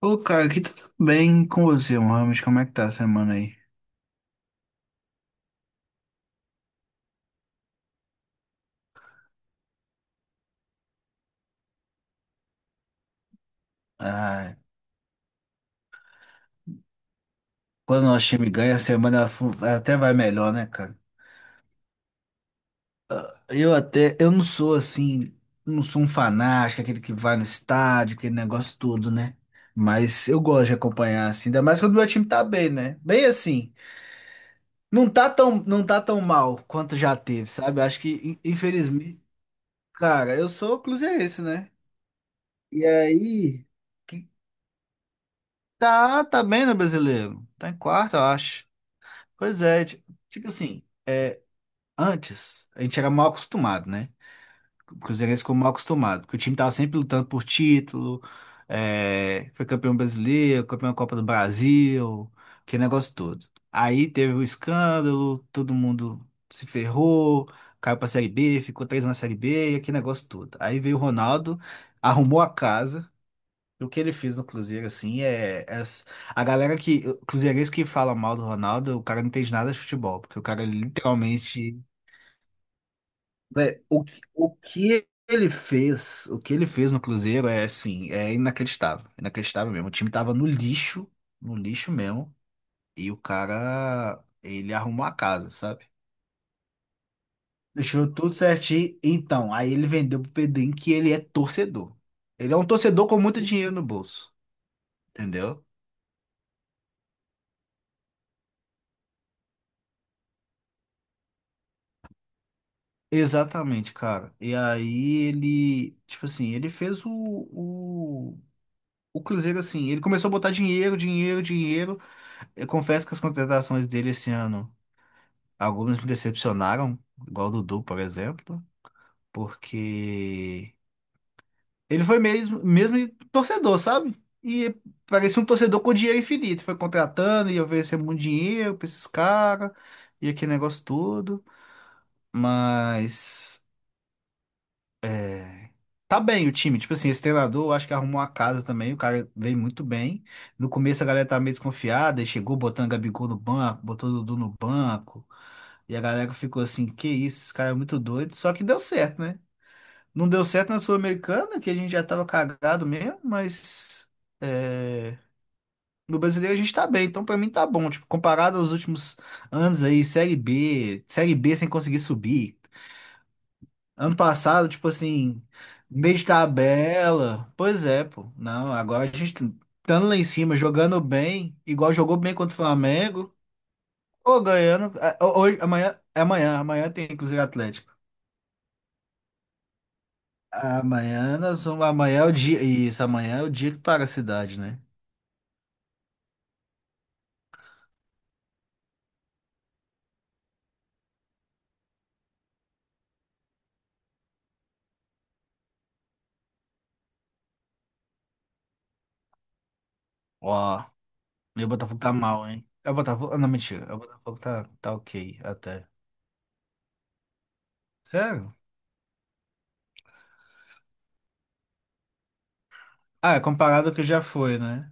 Ô, cara, aqui tá tudo bem com você, Mohamed? Como é que tá a semana aí? Ah, quando o nosso time ganha, a semana até vai melhor, né, cara? Eu não sou assim, não sou um fanático, aquele que vai no estádio, aquele negócio todo, né? Mas eu gosto de acompanhar, assim, ainda mais quando o meu time tá bem, né? Bem assim, não tá tão mal quanto já teve, sabe? Acho que, infelizmente, cara, eu sou cruzeirense, né? E aí, que- tá bem no brasileiro, tá em quarto, eu acho. Pois é, tipo assim, é, antes a gente era mal acostumado, né? O cruzeirense ficou mal acostumado, porque o time tava sempre lutando por título, é, foi campeão brasileiro, campeão da Copa do Brasil, aquele negócio todo. Aí teve o escândalo, todo mundo se ferrou, caiu pra Série B, ficou três na Série B, e aquele negócio todo. Aí veio o Ronaldo, arrumou a casa, o que ele fez no Cruzeiro, assim. A galera que. Cruzeirense que fala mal do Ronaldo, o cara não entende nada de futebol, porque o cara literalmente. O que ele fez no Cruzeiro é, assim, é inacreditável. Inacreditável mesmo. O time tava no lixo, no lixo mesmo, e o cara. Ele arrumou a casa, sabe? Deixou tudo certinho. Então, aí ele vendeu pro Pedrinho, que ele é torcedor. Ele é um torcedor com muito dinheiro no bolso, entendeu? Exatamente, cara. E aí ele, tipo assim, ele fez o Cruzeiro assim, ele começou a botar dinheiro, dinheiro, dinheiro. Eu confesso que as contratações dele esse ano, algumas me decepcionaram, igual o Dudu, por exemplo, porque ele foi mesmo, mesmo torcedor, sabe? E parecia um torcedor com dinheiro infinito, foi contratando e oferecendo muito dinheiro pra esses caras, e aquele negócio todo, mas. É, tá bem o time, tipo assim, esse treinador eu acho que arrumou a casa também, o cara veio muito bem. No começo a galera tava meio desconfiada, e chegou botando Gabigol no banco, botou o Dudu no banco, e a galera ficou assim, que isso, esse cara é muito doido, só que deu certo, né? Não deu certo na Sul-Americana, que a gente já tava cagado mesmo, mas é, no brasileiro a gente tá bem, então pra mim tá bom, tipo, comparado aos últimos anos aí, Série B, Série B sem conseguir subir, ano passado, tipo assim, meio de tabela. Pois é, pô. Não, agora a gente estando lá em cima, jogando bem, igual jogou bem contra o Flamengo, ou ganhando. Hoje, amanhã, é amanhã, amanhã tem inclusive Atlético. Amanhã é o dia. Isso, amanhã é o dia que para a cidade, né? Ó, e o Botafogo tá mal, hein? É o Botafogo. Não, mentira. O Botafogo tá ok até. Sério? Ah, é comparado ao que já foi, né?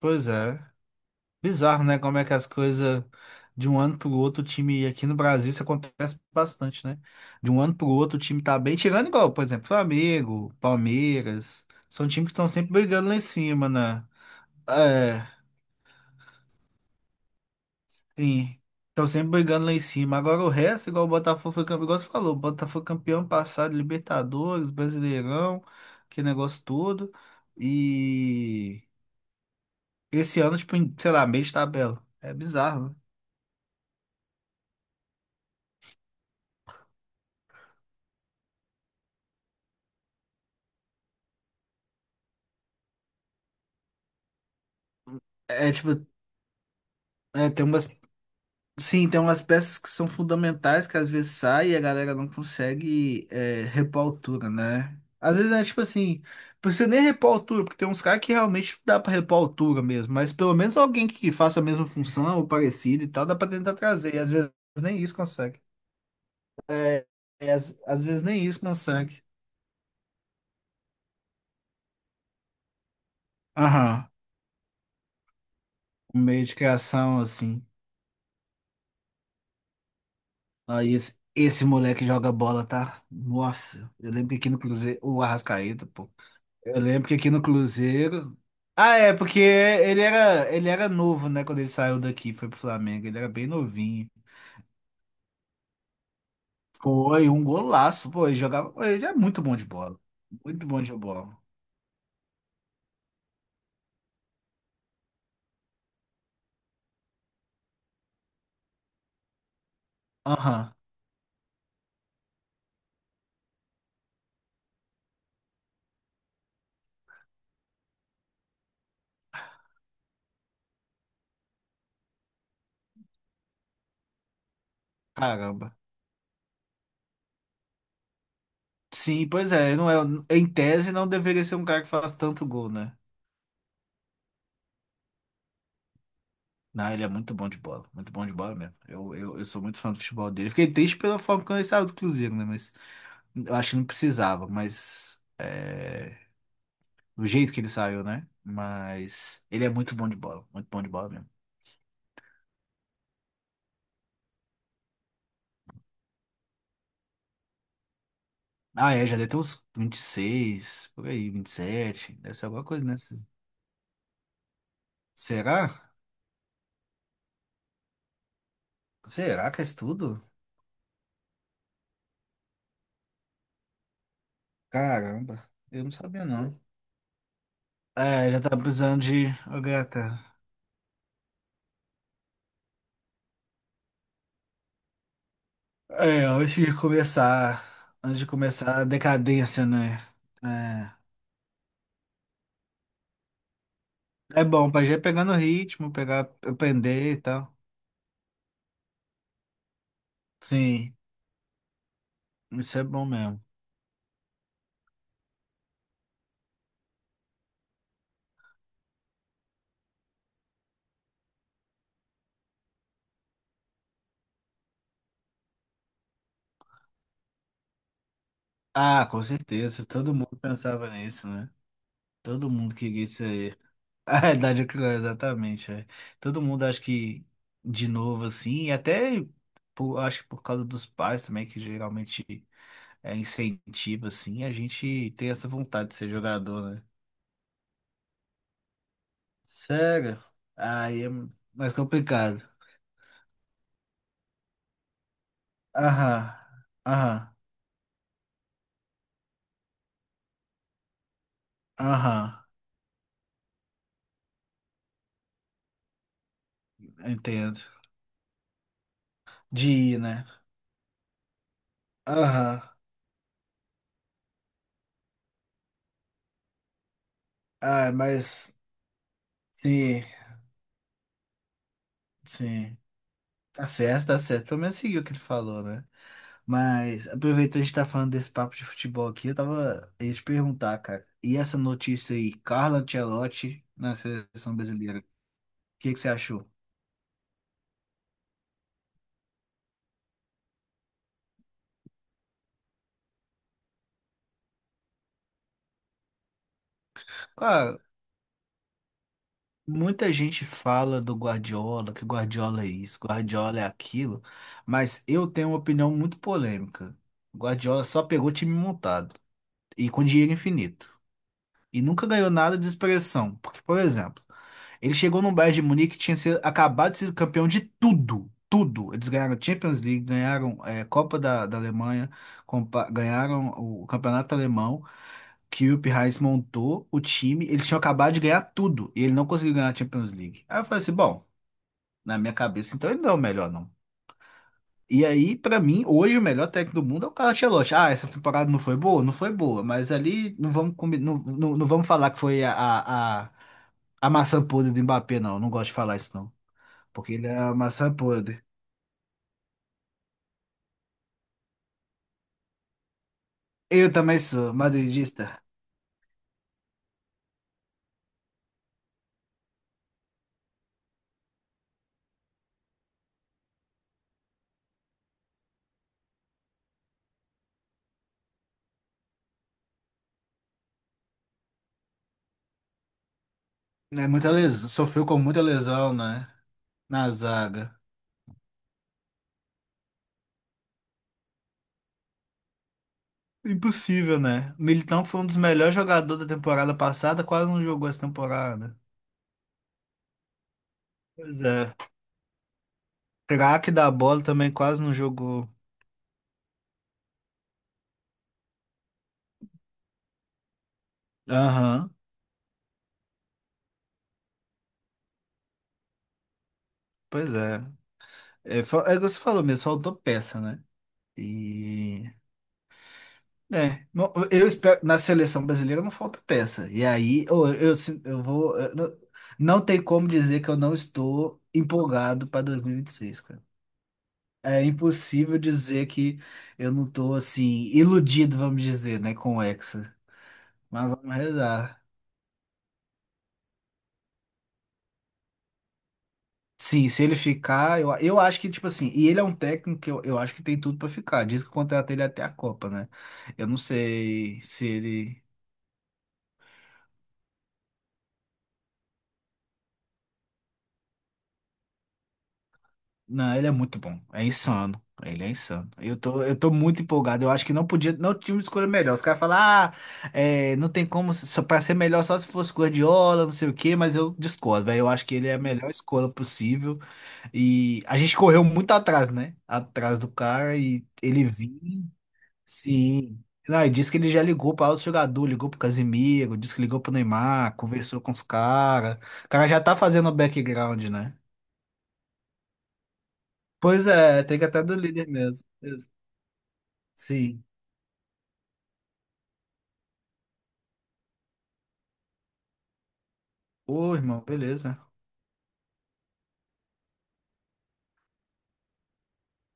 Pois é. Bizarro, né? Como é que as coisas de um ano pro outro, o time aqui no Brasil, isso acontece bastante, né? De um ano pro outro, o time tá bem, tirando igual, por exemplo, Flamengo, Palmeiras, são times que estão sempre brigando lá em cima, né? É, sim, estão sempre brigando lá em cima. Agora o resto, igual o Botafogo foi campeão, igual você falou, o Botafogo foi campeão passado, Libertadores, Brasileirão, que negócio todo. E esse ano, tipo, sei lá, meio de tabela. É bizarro, né? É tipo, é, tem umas. Sim, tem umas peças que são fundamentais que às vezes sai e a galera não consegue repor a altura, né? Às vezes é tipo assim, não precisa nem repor a altura, porque tem uns caras que realmente não dá pra repor a altura mesmo, mas pelo menos alguém que faça a mesma função ou parecido e tal, dá pra tentar trazer, e às vezes nem isso consegue. É, às vezes nem isso consegue. Aham, um meio de criação assim. Aí esse moleque joga bola, tá? Nossa, eu lembro que aqui no Cruzeiro, o Arrascaeta, pô. Eu lembro que aqui no Cruzeiro. Ah, é, porque ele era novo, né? Quando ele saiu daqui, foi pro Flamengo. Ele era bem novinho. Foi um golaço, pô. Ele jogava. Pô, ele é muito bom de bola. Muito bom de bola. Aham. Caramba. Sim, pois é. Não é, em tese, não deveria ser um cara que faz tanto gol, né? Não, ele é muito bom de bola. Muito bom de bola mesmo. Eu sou muito fã do futebol dele. Fiquei triste pela forma como ele saiu do Cruzeiro, né? Mas eu acho que não precisava. Do jeito que ele saiu, né? Mas ele é muito bom de bola, muito bom de bola mesmo. Ah, é, já deve ter uns 26, por aí, 27, deve ser alguma coisa nessas. Será? Será que é isso tudo? Caramba, eu não sabia, não. É, já tá precisando de. Ô, gata. É, antes de começar a decadência, né? É, é bom pra já ir pegando o ritmo, aprender e tal. Sim, isso é bom mesmo. Ah, com certeza, todo mundo pensava nisso, né? Todo mundo queria ser A realidade é que não é exatamente, é. Todo mundo acha que, de novo, assim, e até acho que por causa dos pais também, que geralmente incentiva, assim, a gente tem essa vontade de ser jogador, né? Sério? Aí é mais complicado. Aham, aham, aham, entendo. De ir, né? Aham. Ah, mas sim, sim. Tá certo, tá certo. Pelo menos seguiu o que ele falou, né? Mas aproveitando a gente tá falando desse papo de futebol aqui, eu tava ia te perguntar, cara. E essa notícia aí, Carlo Ancelotti na seleção brasileira, o que que você achou? Cara, muita gente fala do Guardiola, que Guardiola é isso, Guardiola é aquilo, mas eu tenho uma opinião muito polêmica. Guardiola só pegou time montado e com dinheiro infinito. E nunca ganhou nada de expressão. Porque, por exemplo, ele chegou num Bayern de Munique que acabado de ser campeão de tudo. Tudo. Eles ganharam Champions League, ganharam Copa da Alemanha, ganharam o Campeonato Alemão, que o Jupp Heynckes montou o time. Eles tinham acabado de ganhar tudo e ele não conseguiu ganhar a Champions League. Aí eu falei assim, bom, na minha cabeça, então ele não é o melhor, não. E aí, pra mim, hoje o melhor técnico do mundo é o Carlo Ancelotti. Ah, essa temporada não foi boa? Não foi boa, mas ali não vamos, não, não, não vamos falar que foi a a maçã podre do Mbappé, não. Não gosto de falar isso, não. Porque ele é a maçã podre. Eu também sou madridista. É muita lesão. Sofreu com muita lesão, né? Na zaga. Impossível, né? O Militão foi um dos melhores jogadores da temporada passada, quase não jogou essa temporada. Pois é. Craque da bola também quase não jogou. Aham, pois é. É, é o que você falou mesmo, faltou peça, né? E É, não, eu espero, na seleção brasileira não falta peça. E aí, eu, sin- eu vou. Eu não, não tem como dizer que eu não estou empolgado para dois mil e vinte e seis, cara. É impossível dizer que eu não estou, assim, iludido, vamos dizer, né, com o Hexa. Mas vamos rezar. Sim, se ele ficar, eu acho que, tipo assim, e ele é um técnico que eu acho que tem tudo para ficar. Diz que o contrato ele é até a Copa, né? Eu não sei se ele. Não, ele é muito bom. É insano. Ele é insano. Eu tô muito empolgado. Eu acho que não podia, não tinha uma escolha melhor. Os caras falam, não tem como, só pra ser melhor só se fosse Guardiola, não sei o quê, mas eu discordo, velho. Eu acho que ele é a melhor escolha possível. E a gente correu muito atrás, né? Atrás do cara e ele vinha, sim. Não, e disse que ele já ligou para outro jogador, ligou pro Casemiro, disse que ligou pro Neymar, conversou com os caras. O cara já tá fazendo o background, né? Pois é, tem que até do líder mesmo. Sim. Ô, irmão, beleza.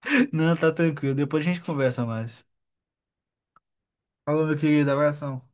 Não, tá tranquilo. Depois a gente conversa mais. Falou, meu querido. Abração.